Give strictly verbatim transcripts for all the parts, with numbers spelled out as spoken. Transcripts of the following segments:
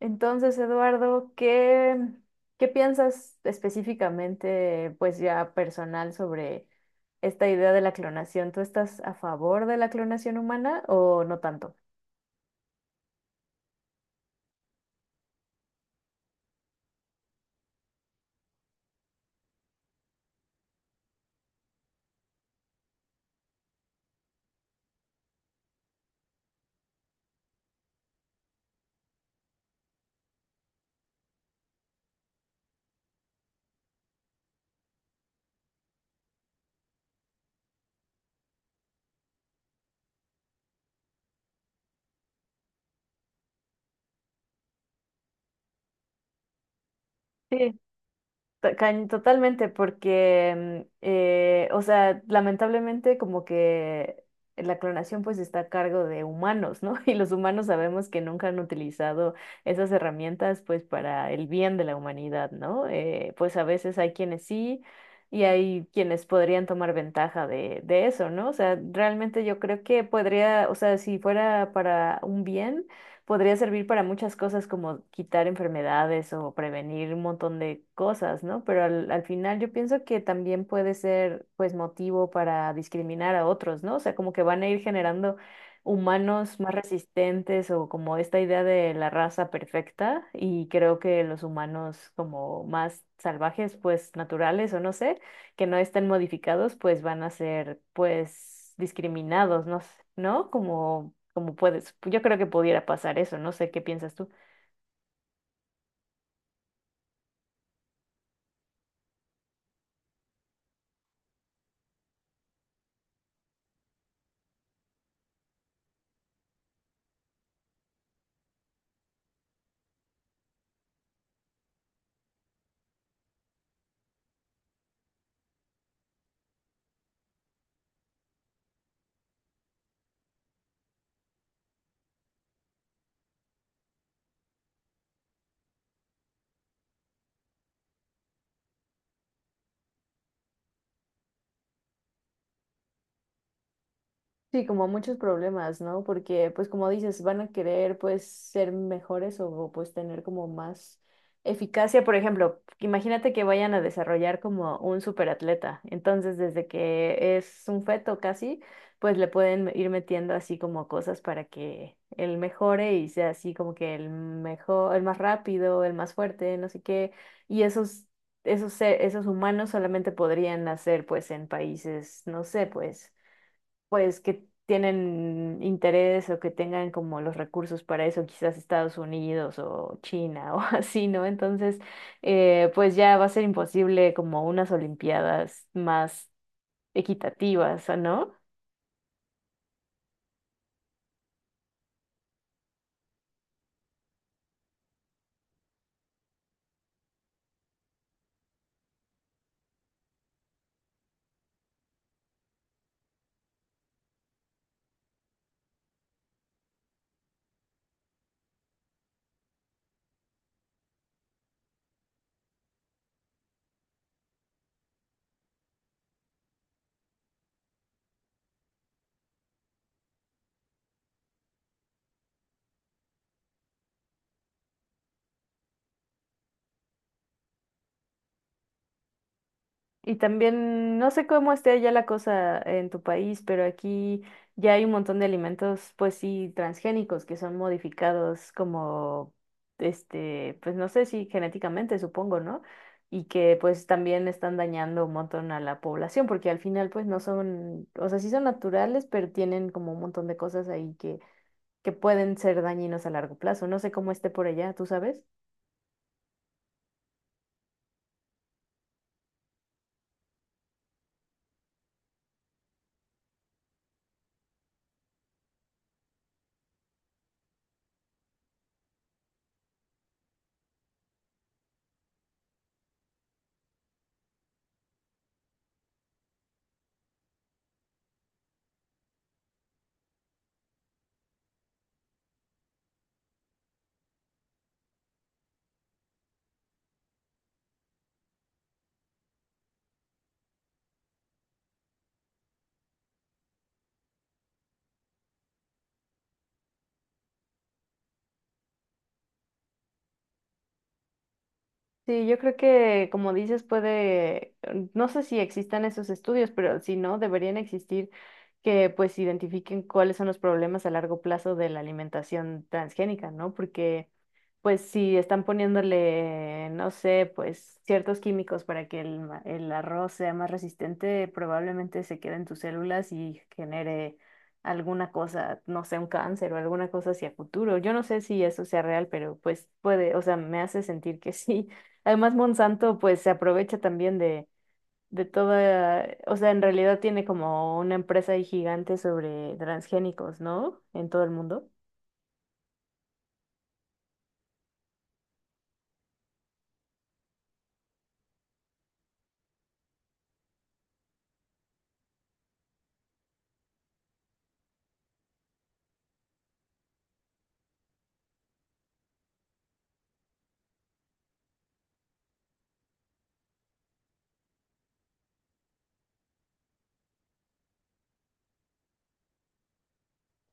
Entonces, Eduardo, ¿qué, qué piensas específicamente, pues ya personal, sobre esta idea de la clonación? ¿Tú estás a favor de la clonación humana o no tanto? Sí. To- cañ- Totalmente, porque, mm, eh, o sea, lamentablemente como que la clonación pues está a cargo de humanos, ¿no? Y los humanos sabemos que nunca han utilizado esas herramientas pues para el bien de la humanidad, ¿no? Eh, pues a veces hay quienes sí y hay quienes podrían tomar ventaja de, de eso, ¿no? O sea, realmente yo creo que podría, o sea, si fuera para un bien podría servir para muchas cosas como quitar enfermedades o prevenir un montón de cosas, ¿no? Pero al, al final yo pienso que también puede ser pues motivo para discriminar a otros, ¿no? O sea, como que van a ir generando humanos más resistentes o como esta idea de la raza perfecta y creo que los humanos como más salvajes, pues naturales o no sé que no estén modificados, pues van a ser, pues, discriminados, ¿no? s- ¿No? Como, como puedes, yo creo que pudiera pasar eso, no sé qué piensas tú. Sí, como muchos problemas, ¿no? Porque, pues como dices, van a querer, pues, ser mejores o, pues, tener como más eficacia. Por ejemplo, imagínate que vayan a desarrollar como un superatleta. Entonces, desde que es un feto casi, pues le pueden ir metiendo así como cosas para que él mejore y sea así como que el mejor, el más rápido, el más fuerte, no sé qué. Y esos, esos, se- Esos humanos solamente podrían nacer, pues, en países, no sé, pues pues que tienen interés o que tengan como los recursos para eso, quizás Estados Unidos o China o así, ¿no? Entonces, eh, pues ya va a ser imposible como unas olimpiadas más equitativas, ¿no? Y también, no sé cómo esté ya la cosa en tu país, pero aquí ya hay un montón de alimentos, pues sí, transgénicos que son modificados como, este, pues no sé si genéticamente, supongo, ¿no? Y que pues también están dañando un montón a la población, porque al final pues no son, o sea, sí son naturales, pero tienen como un montón de cosas ahí que, que pueden ser dañinos a largo plazo. No sé cómo esté por allá, ¿tú sabes? Sí, yo creo que, como dices, puede, no sé si existan esos estudios, pero si no, deberían existir que pues identifiquen cuáles son los problemas a largo plazo de la alimentación transgénica, ¿no? Porque pues si están poniéndole, no sé, pues ciertos químicos para que el, ma- el arroz sea más resistente, probablemente se quede en tus células y genere alguna cosa, no sé, un cáncer o alguna cosa hacia futuro. Yo no sé si eso sea real, pero pues puede, o sea, me hace sentir que sí. Además, Monsanto pues se aprovecha también de, de toda, o sea, en realidad tiene como una empresa ahí gigante sobre transgénicos, ¿no? En todo el mundo.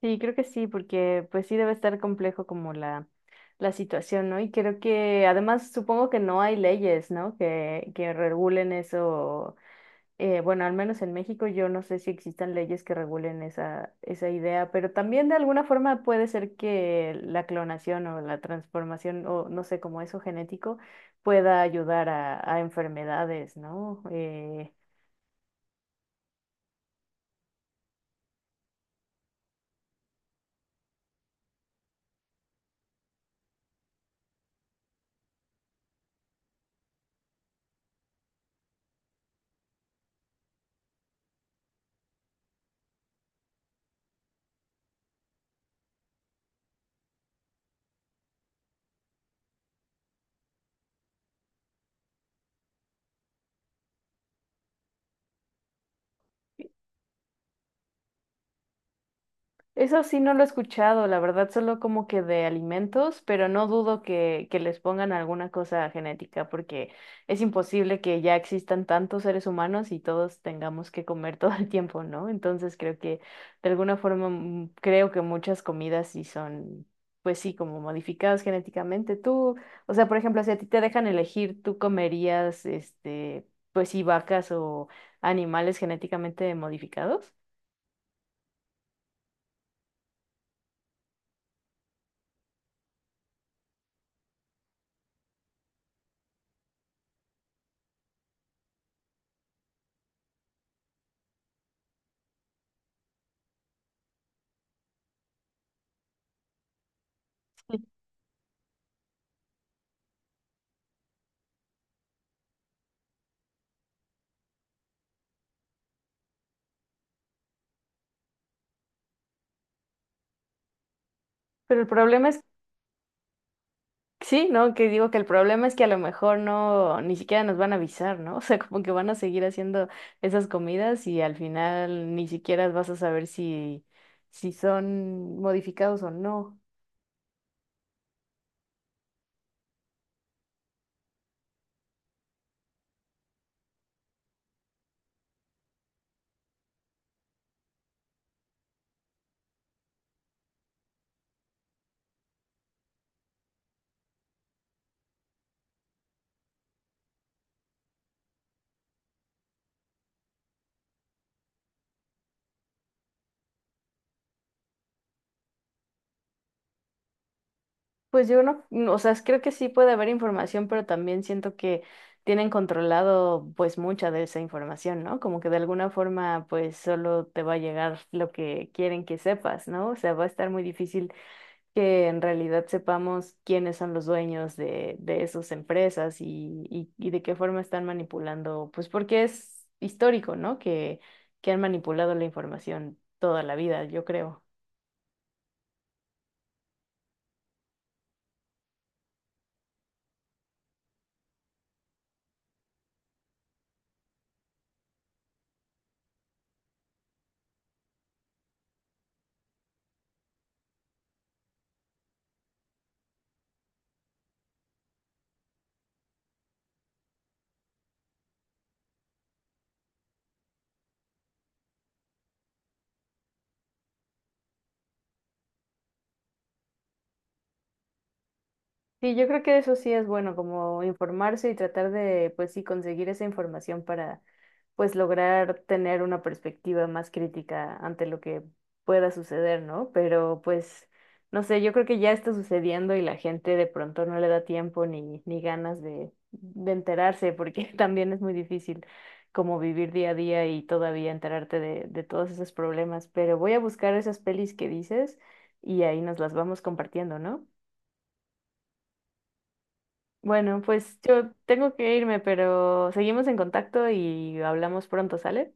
Sí, creo que sí, porque pues sí debe estar complejo como la, la situación, ¿no? Y creo que además supongo que no hay leyes, ¿no? Que, que regulen eso. Eh, bueno, al menos en México yo no sé si existan leyes que regulen esa, esa idea, pero también de alguna forma puede ser que la clonación o la transformación o no sé, como eso genético pueda ayudar a, a enfermedades, ¿no? Eh, eso sí no lo he escuchado, la verdad, solo como que de alimentos, pero no dudo que, que les pongan alguna cosa genética, porque es imposible que ya existan tantos seres humanos y todos tengamos que comer todo el tiempo, ¿no? Entonces creo que de alguna forma, mm, creo que muchas comidas sí son, pues sí, como modificadas genéticamente. Tú, o sea, por ejemplo, si a ti te dejan elegir, ¿tú comerías, este, pues sí, vacas o animales genéticamente modificados? Pero el problema es sí, ¿no? Que digo que el problema es que a lo mejor no, ni siquiera nos van a avisar, ¿no? O sea, como que van a seguir haciendo esas comidas y al final ni siquiera vas a saber si, si son modificados o no. Pues yo no, no, o sea, creo que sí puede haber información, pero también siento que tienen controlado pues mucha de esa información, ¿no? Como que de alguna forma pues solo te va a llegar lo que quieren que sepas, ¿no? O sea, va a estar muy difícil que en realidad sepamos quiénes son los dueños de, de esas empresas y, y- y de qué forma están manipulando, pues porque es histórico, ¿no? Que, que han manipulado la información toda la vida, yo creo. Sí, yo creo que eso sí es bueno, como informarse y tratar de, pues sí, conseguir esa información para, pues, lograr tener una perspectiva más crítica ante lo que pueda suceder, ¿no? Pero, pues, no sé, yo creo que ya está sucediendo y la gente de pronto no le da tiempo ni, ni ganas de, de enterarse, porque también es muy difícil como vivir día a día y todavía enterarte de, de todos esos problemas. Pero voy a buscar esas pelis que dices y ahí nos las vamos compartiendo, ¿no? Bueno, pues yo tengo que irme, pero seguimos en contacto y hablamos pronto, ¿sale?